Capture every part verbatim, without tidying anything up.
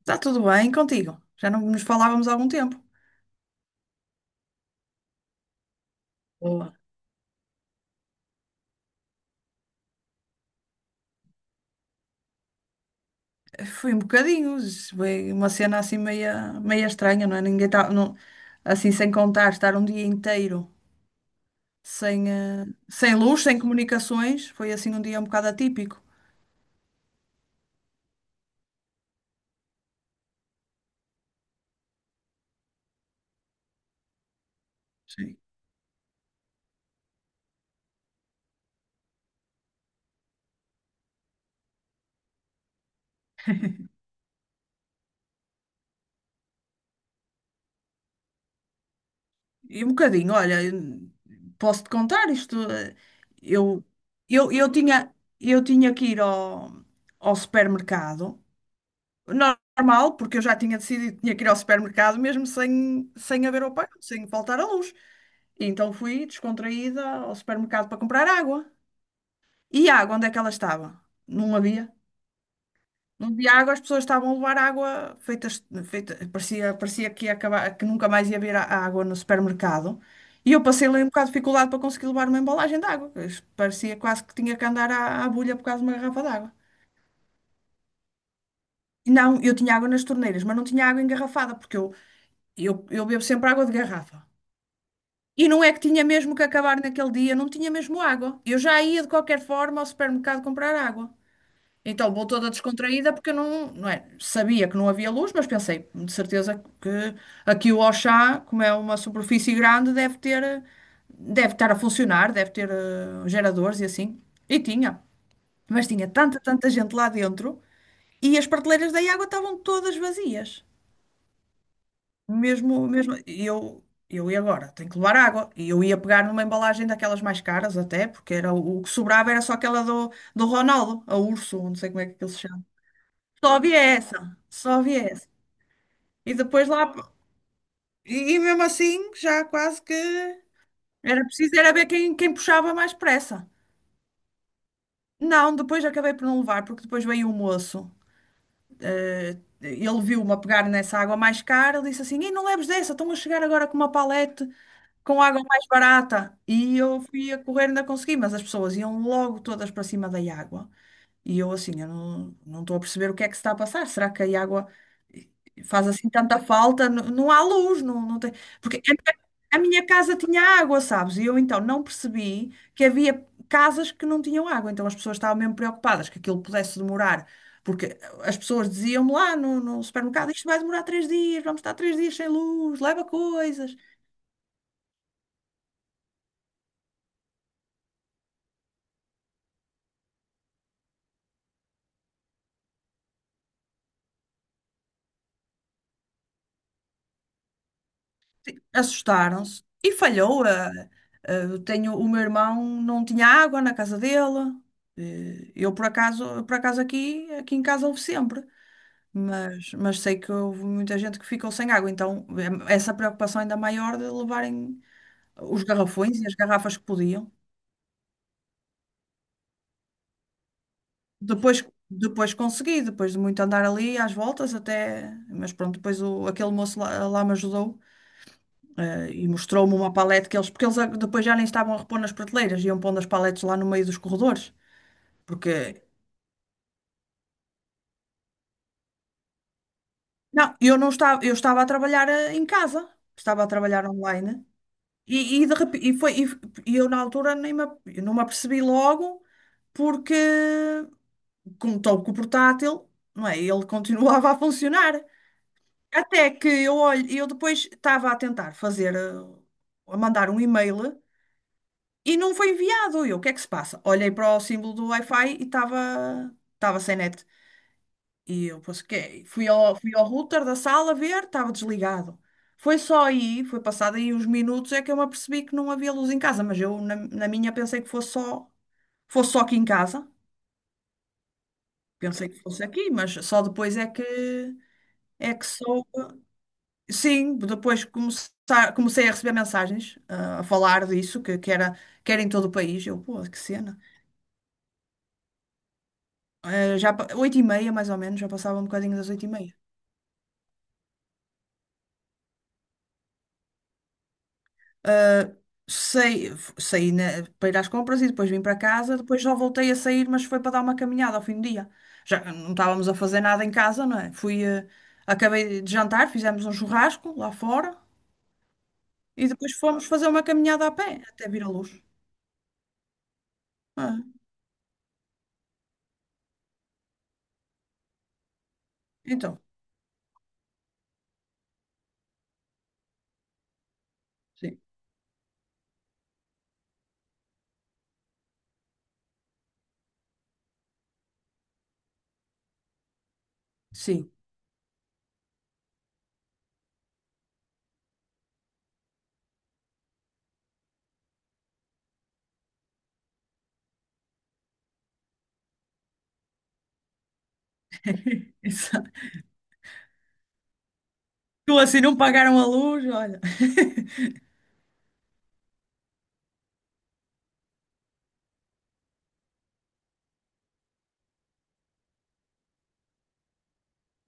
Está tudo bem contigo? Já não nos falávamos há algum tempo. Boa. Foi um bocadinho, foi uma cena assim meia, meia estranha, não é? Ninguém tá, não, assim sem contar, estar um dia inteiro sem, eh, sem luz, sem comunicações, foi assim um dia um bocado atípico. Sim. E um bocadinho, olha, eu- posso-te contar isto? eh, Eu, eu, eu tinha, eu tinha que ir ao, ao supermercado normal, porque eu já tinha decidido que tinha que ir ao supermercado mesmo sem, sem haver ao pago, sem faltar a luz. E então fui descontraída ao supermercado para comprar água. E a água, onde é que ela estava? Não havia. Não havia água, as pessoas estavam a levar água feitas, feita, parecia, parecia que ia acabar, que nunca mais ia haver a- a água no supermercado. E eu passei ali um bocado de dificuldade para conseguir levar uma embalagem de água. Isto parecia quase que tinha que andar à, à bulha por causa de uma garrafa de água. E não, eu tinha água nas torneiras, mas não tinha água engarrafada, porque eu Eu, eu bebo sempre água de garrafa. E não é que tinha mesmo que acabar naquele dia, não tinha mesmo água. Eu já ia de qualquer forma ao supermercado comprar água. Então vou toda descontraída porque eu não, não é, sabia que não havia luz, mas pensei, de certeza que aqui o Auchan, como é uma superfície grande, deve ter, eh, deve estar a funcionar, deve ter eh, geradores e assim. E tinha. Mas tinha tanta, tanta gente lá dentro e as prateleiras da água estavam todas vazias. Mesmo, mesmo, e eu, eu ia agora, tenho que levar água. E eu ia pegar numa embalagem daquelas mais caras até, porque era o, o que sobrava era só aquela do, do Ronaldo, a Urso, não sei como é que ele se chama. Só havia essa, só havia essa. E depois lá, e, e mesmo assim, já quase que era preciso era ver quem, quem puxava mais pressa. Não, depois acabei por não levar, porque depois veio o moço. Eh, ele viu-me a pegar nessa água mais cara, ele disse assim: Ei, não leves dessa, estão a chegar agora com uma palete com água mais barata. E eu fui a correr, ainda consegui, mas as pessoas iam logo todas para cima da água. E eu assim, eu não, não estou a perceber o que é que se está a passar. Será que a água faz assim tanta falta? N- Não, há luz, não, não tem... Porque a minha, a minha casa tinha água, sabes? E eu então não percebi que havia casas que não tinham água. Então as pessoas estavam mesmo preocupadas que aquilo pudesse demorar. Porque as pessoas diziam-me lá no, no supermercado, isto vai demorar três dias, vamos estar três dias sem luz, leva coisas. Assustaram-se e falhou. A- a- eu tenho, o meu irmão não tinha água na casa dele. Eh, Eu por acaso, por acaso aqui, aqui em casa houve sempre, mas, mas sei que houve muita gente que ficou sem água, então eh, essa preocupação ainda maior de levarem os garrafões e as garrafas que podiam. Depois, depois consegui, depois de muito andar ali às voltas até, mas pronto, depois o, aquele moço lá, lá me ajudou. Eh, e mostrou-me uma palete que eles, porque eles a- depois já nem estavam a repor nas prateleiras, iam pondo as paletes lá no meio dos corredores. Porque, não, eu não estava, eu estava a trabalhar eh, em casa, estava a trabalhar online. E, e, de repe- e foi, e, f- e eu na altura nem me, ap- eu não me apercebi logo, porque como estou com o portátil, não é? Ele continuava a funcionar. Até que eu olho, eu depois estava a tentar fazer, eh, a mandar um e-mail e não foi enviado. E eu, o que é que se passa? Olhei para o símbolo do Wi-Fi e estava estava sem net. E eu pensei, fui ao, fui ao router da sala ver, estava desligado. Foi só aí, foi passado aí uns minutos, é que eu me apercebi que não havia luz em casa, mas eu na, na minha pensei que fosse só, fosse só aqui em casa. Pensei que fosse aqui, mas só depois é que é que soube. Sim, depois começar, comecei a receber mensagens ah, a falar disso, que, que era, que era em todo o país. Eu, pô, que cena. Eh, já, pa- oito e meia, mais ou menos, já passava um bocadinho das oito e meia. Saí, f- saí na- para ir às compras e depois vim para casa, depois já voltei a sair, mas foi para dar uma caminhada ao fim do dia. Já não estávamos a fazer nada em casa, não é? Fui, eh, acabei de jantar, fizemos um churrasco lá fora e depois fomos fazer uma caminhada a pé até vir a luz. Ah, então, sim, sim. Exato. Tu assim não pagaram a luz, olha.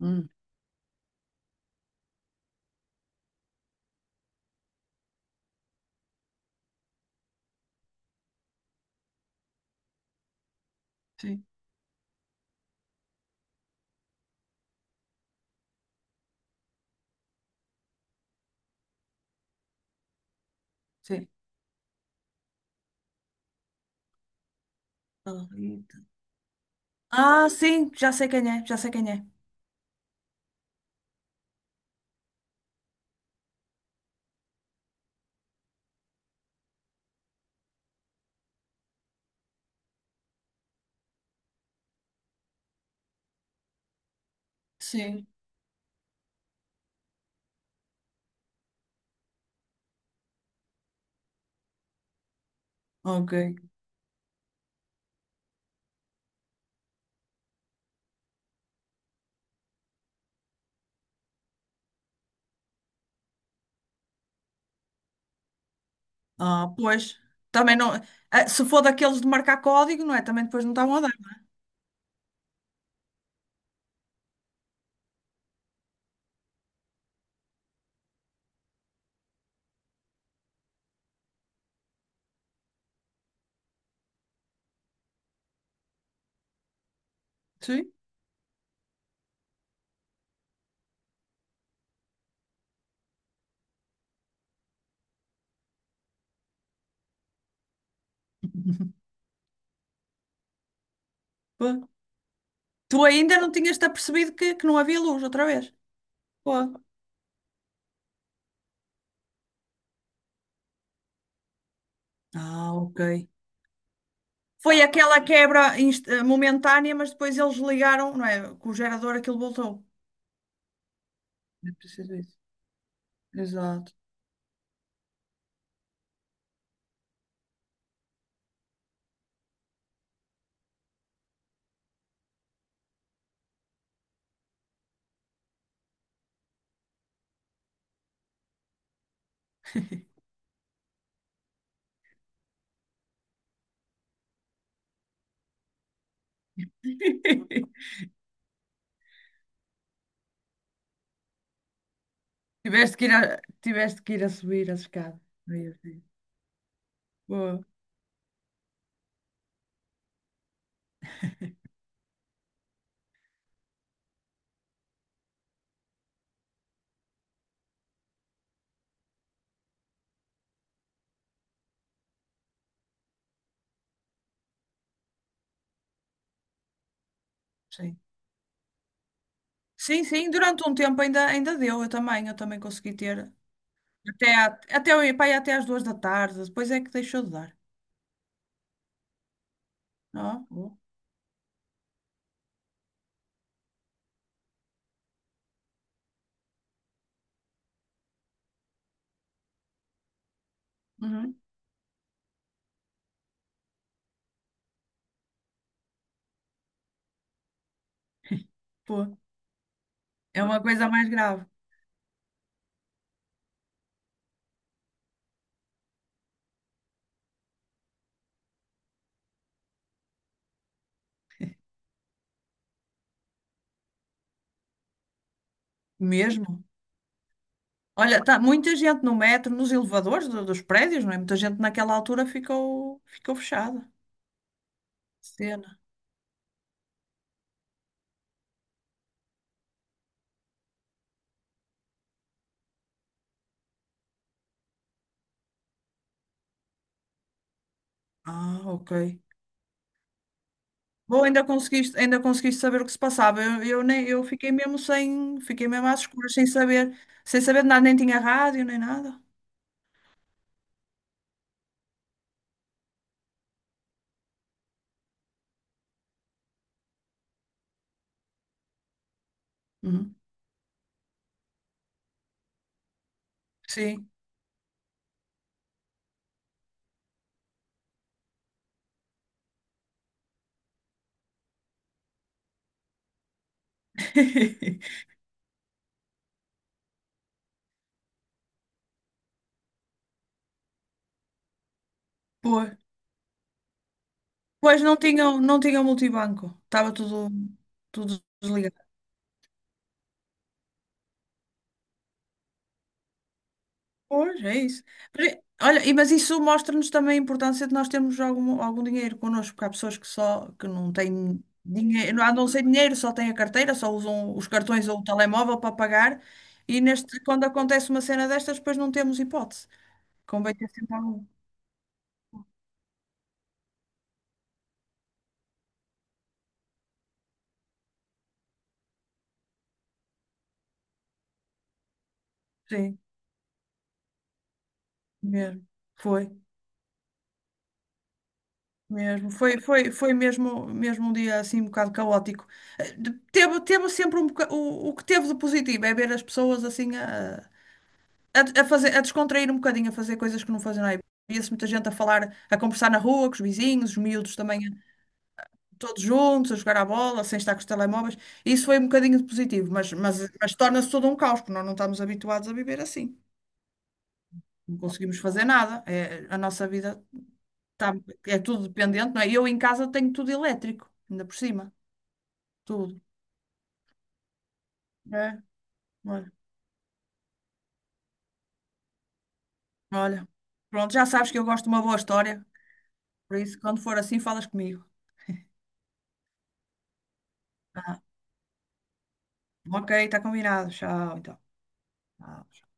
Hum, sim, sim. Ah, sim, já sei quem é, já sei quem é. Sim. Ok. Ah, pois. Também não. ah, Se for daqueles de marcar código, não é? Também depois não estavam a dar. Sim. Pô. Tu ainda não tinhas-te apercebido que, que não havia luz outra vez? Pô. Ah, ok. Foi aquela quebra inst- eh, momentânea, mas depois eles ligaram, não é? Com o gerador aquilo voltou. É preciso isso. Exato. Tiveste que ir a, tiveste que ir a subir a escada. Meu Deus. Boa. Sim. Sim, sim, durante um tempo ainda, ainda deu, eu também, eu também consegui ter. Até, à- até, o- Pá, e até às duas da tarde, depois é que deixou de dar. Ó, boa. Uhum. Pô, é uma coisa mais grave. Mesmo. Olha, tá muita gente no metro, nos elevadores do- dos prédios, não é? Muita gente naquela altura ficou, ficou fechada. Cena. Ah, ok. Bom, ainda conseguiste, ainda conseguiste saber o que se passava. Eu, eu, nem, eu fiquei mesmo sem, fiquei mesmo às escuras, sem saber, sem saber de nada, nem tinha rádio, nem nada. Uhum. Sim. Pô. Pois não tinham, não tinham multibanco. Estava tudo, tudo desligado. Pois, é isso. Mas, é- olha, e- mas isso mostra-nos também a importância de nós termos algum, algum dinheiro connosco, porque há pessoas que só que não têm dinheiro, não andam sem dinheiro, só têm a carteira, só usam os cartões ou o telemóvel para pagar, e neste, quando acontece uma cena destas, depois não temos hipótese. Convém ter sempre algum. Sim, mesmo. Foi. Mesmo, foi, foi, foi mesmo, mesmo um dia assim um bocado caótico. Eh, de- Teve, teve sempre um boca- o, o que teve de positivo é ver as pessoas assim a, a, a fazer, a descontrair um bocadinho, a fazer coisas que não fazem nada. Via-se muita gente a falar, a conversar na rua com os vizinhos, os miúdos também todos juntos, a jogar à bola, sem estar com os telemóveis. Isso foi um bocadinho de positivo, mas, mas, mas torna-se todo um caos, porque nós não estamos habituados a viver assim. Não conseguimos fazer nada. É, a nossa vida tá- é tudo dependente, não é? Eu em casa tenho tudo elétrico, ainda por cima. Tudo. É, olha, olha. Pronto, já sabes que eu gosto de uma boa história. Por isso, quando for assim, falas comigo. Tá? Ok, está combinado. Tchau, então. Tchau.